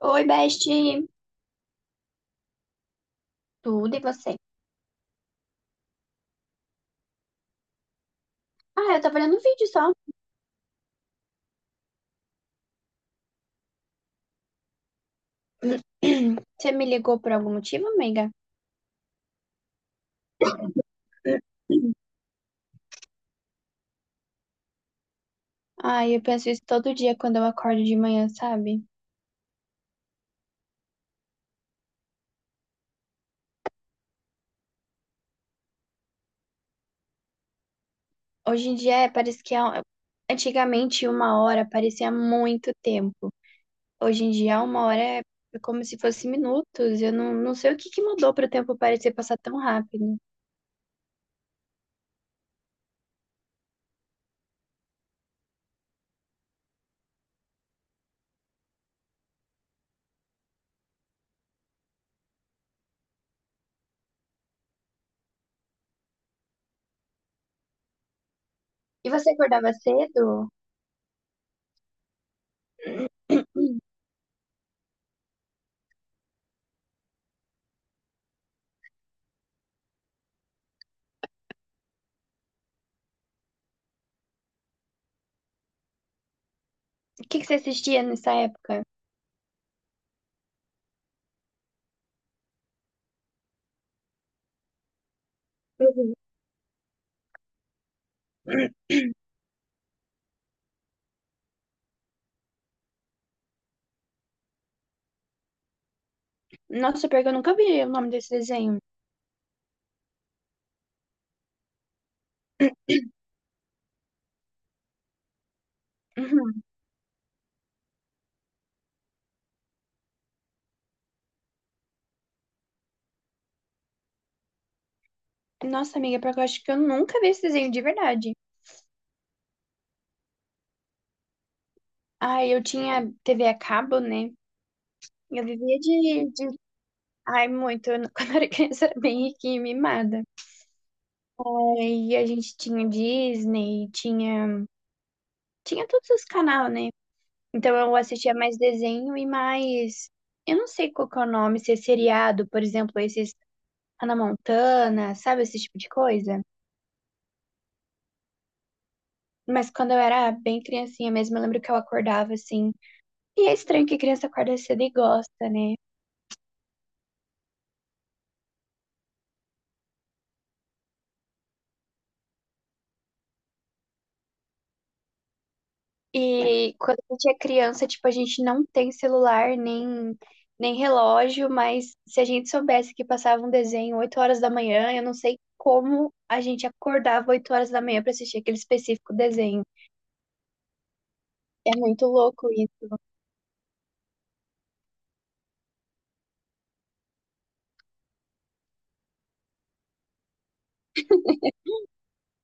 Oi, Best. Tudo e você? Ah, eu tava olhando um vídeo só. Você me ligou por algum motivo, amiga? Ai, eu penso isso todo dia quando eu acordo de manhã, sabe? Hoje em dia é, parece que é, um, Antigamente uma hora parecia muito tempo. Hoje em dia uma hora é como se fosse minutos. Eu não sei o que que mudou para o tempo parecer passar tão rápido. E você acordava cedo? O que que você assistia nessa época? Uhum. Nossa, pior que eu nunca vi o nome desse desenho. Uhum. Nossa, amiga, porque eu acho que eu nunca vi esse desenho de verdade. Ai, eu tinha TV a cabo, né? Eu vivia. Ai, muito. Eu não- Quando eu era criança, era bem riquinha e mimada. Aí a gente tinha Disney, tinha... Tinha todos os canais, né? Então eu assistia mais desenho e mais... Eu não sei qual que é o nome, se é seriado, por exemplo, esses Hannah Montana, sabe? Esse tipo de coisa. Mas quando eu era bem criancinha mesmo, eu lembro que eu acordava, assim... E é estranho que criança acorda cedo e gosta, né? E quando a gente é criança, tipo, a gente não tem celular nem, nem relógio, mas se a gente soubesse que passava um desenho 8 horas da manhã, eu não sei como a gente acordava 8 horas da manhã para assistir aquele específico desenho. É muito louco isso.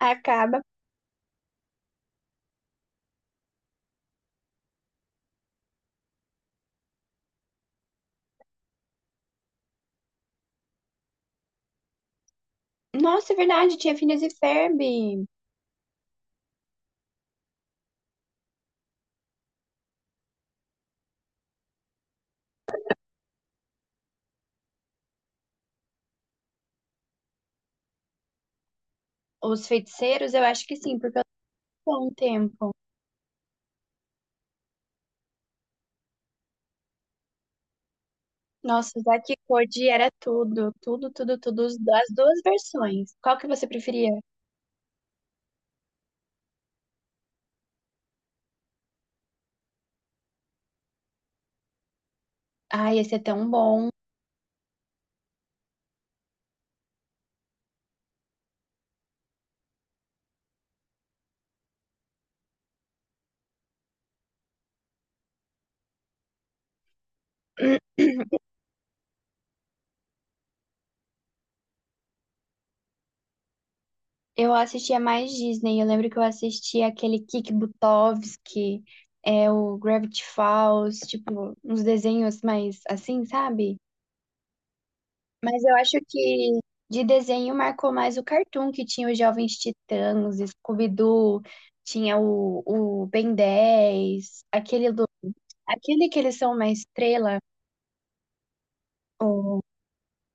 Acaba. Nossa, é verdade, tinha Phineas e Ferb. Os feiticeiros, eu acho que sim, porque eu não um tempo. Nossa, Zack e Cody era tudo, tudo, tudo, tudo, as duas versões. Qual que você preferia? Ai, esse é tão bom. Eu assistia mais Disney. Eu lembro que eu assistia aquele Kik Buttowski, o Gravity Falls, tipo, uns desenhos mais assim, sabe? Mas eu acho que de desenho marcou mais o Cartoon, que tinha os Jovens Titãs, Scooby-Doo, tinha o Ben dez aquele, aquele que eles são uma estrela, o,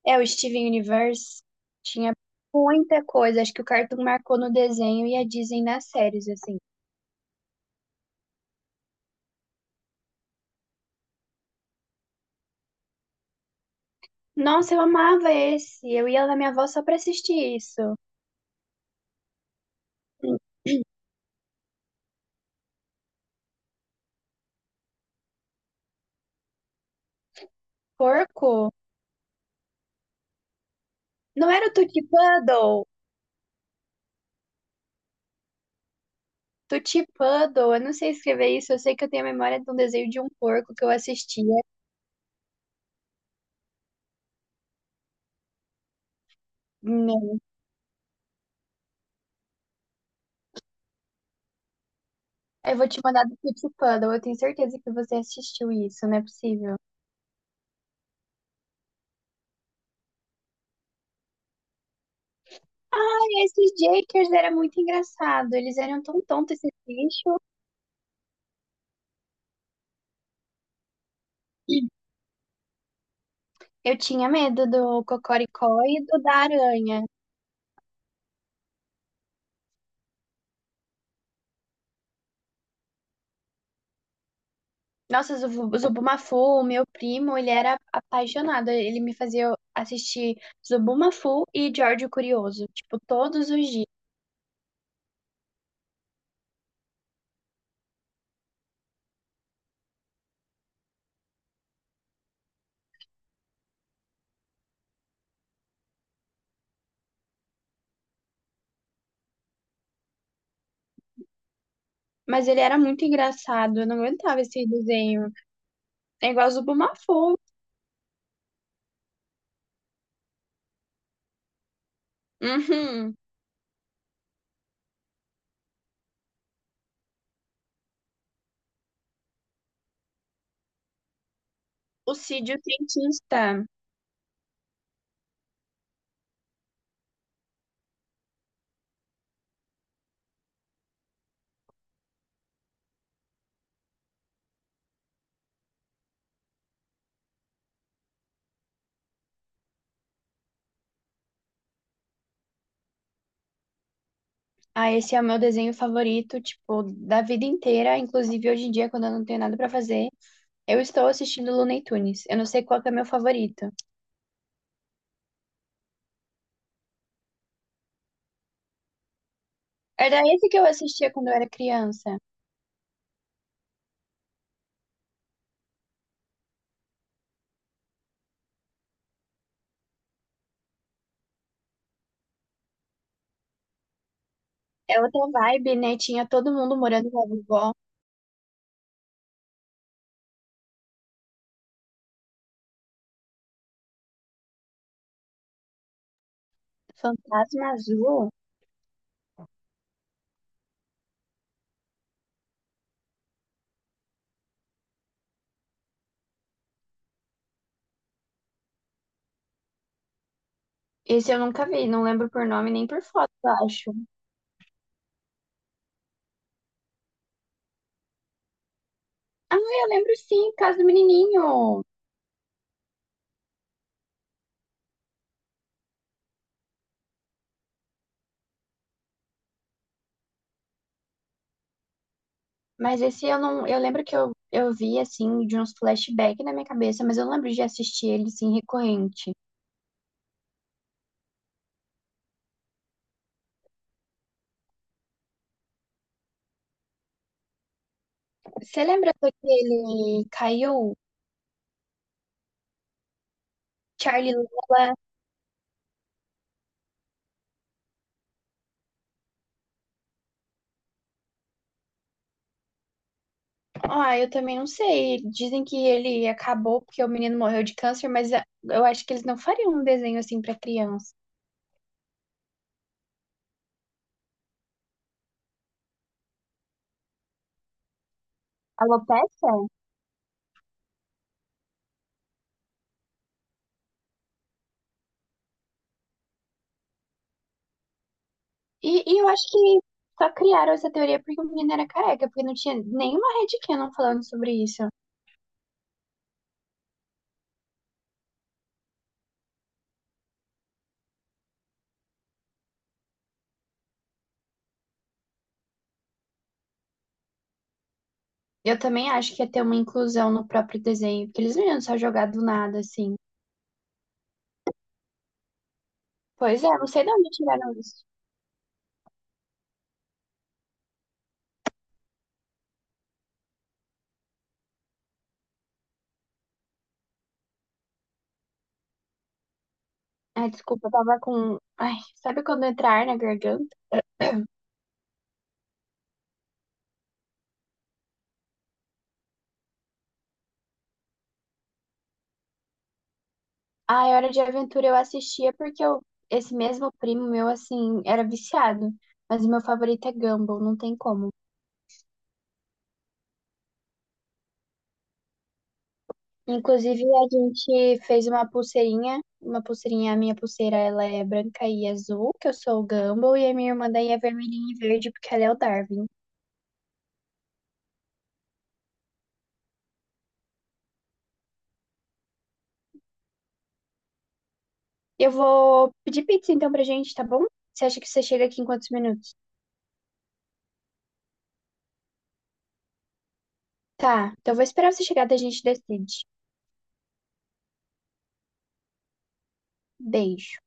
é o Steven Universe. Tinha muita coisa. Acho que o Cartoon marcou no desenho e a Disney nas séries, assim. Nossa, eu amava esse. Eu ia na minha avó só pra assistir isso. Porco? Não era o Tutti Puddle? Tutti Puddle, eu não sei escrever isso. Eu sei que eu tenho a memória de um desenho de um porco que eu assistia. Não. Eu vou te mandar do Tutti Puddle. Eu tenho certeza que você assistiu isso, não é possível. Ai, esses Jakers era muito engraçado. Eles eram tão tontos, esses bichos. Eu tinha medo do Cocoricó e do da aranha. Nossa, Zubumafu, meu primo, ele era apaixonado. Ele me fazia assistir Zubumafu e George Curioso, tipo, todos os dias. Mas ele era muito engraçado, eu não aguentava esse desenho. É igual Zubumafu. Uhum. O Cid o Cientista. Ah, esse é o meu desenho favorito, tipo, da vida inteira. Inclusive, hoje em dia, quando eu não tenho nada pra fazer, eu estou assistindo Looney Tunes. Eu não sei qual que é meu favorito. Era esse que eu assistia quando eu era criança. É outra vibe, né? Tinha todo mundo morando com a vovó. Fantasma Azul. Esse eu nunca vi, não lembro por nome nem por foto, eu acho. Ah, eu lembro sim, Casa do Menininho. Mas esse eu não. Eu lembro que eu vi, assim, de uns flashbacks na minha cabeça, mas eu não lembro de assistir ele, assim, recorrente. Você lembra daquele caiu? Charlie Lula? Ah, eu também não sei. Dizem que ele acabou porque o menino morreu de câncer, mas ah, eu acho que eles não fariam um desenho assim pra criança. Alopecia? E eu acho que só criaram essa teoria porque o menino era careca, porque não tinha nenhuma Red Canon falando sobre isso. Eu também acho que ia ter uma inclusão no próprio desenho, porque eles não iam só jogar do nada, assim. Pois é, não sei de onde tiraram isso. Ai, desculpa, eu tava com. Ai, sabe quando entrar na garganta? Ai, Hora de Aventura eu assistia porque eu... esse mesmo primo meu, assim, era viciado. Mas o meu favorito é Gumball, não tem como. Inclusive, a gente fez uma pulseirinha. Uma pulseirinha, a minha pulseira, ela é branca e azul, que eu sou o Gumball, e a minha irmã daí é vermelhinha e verde, porque ela é o Darwin. Eu vou pedir pizza então pra gente, tá bom? Você acha que você chega aqui em quantos minutos? Tá, então eu vou esperar você chegar, daí a gente decide. Beijo.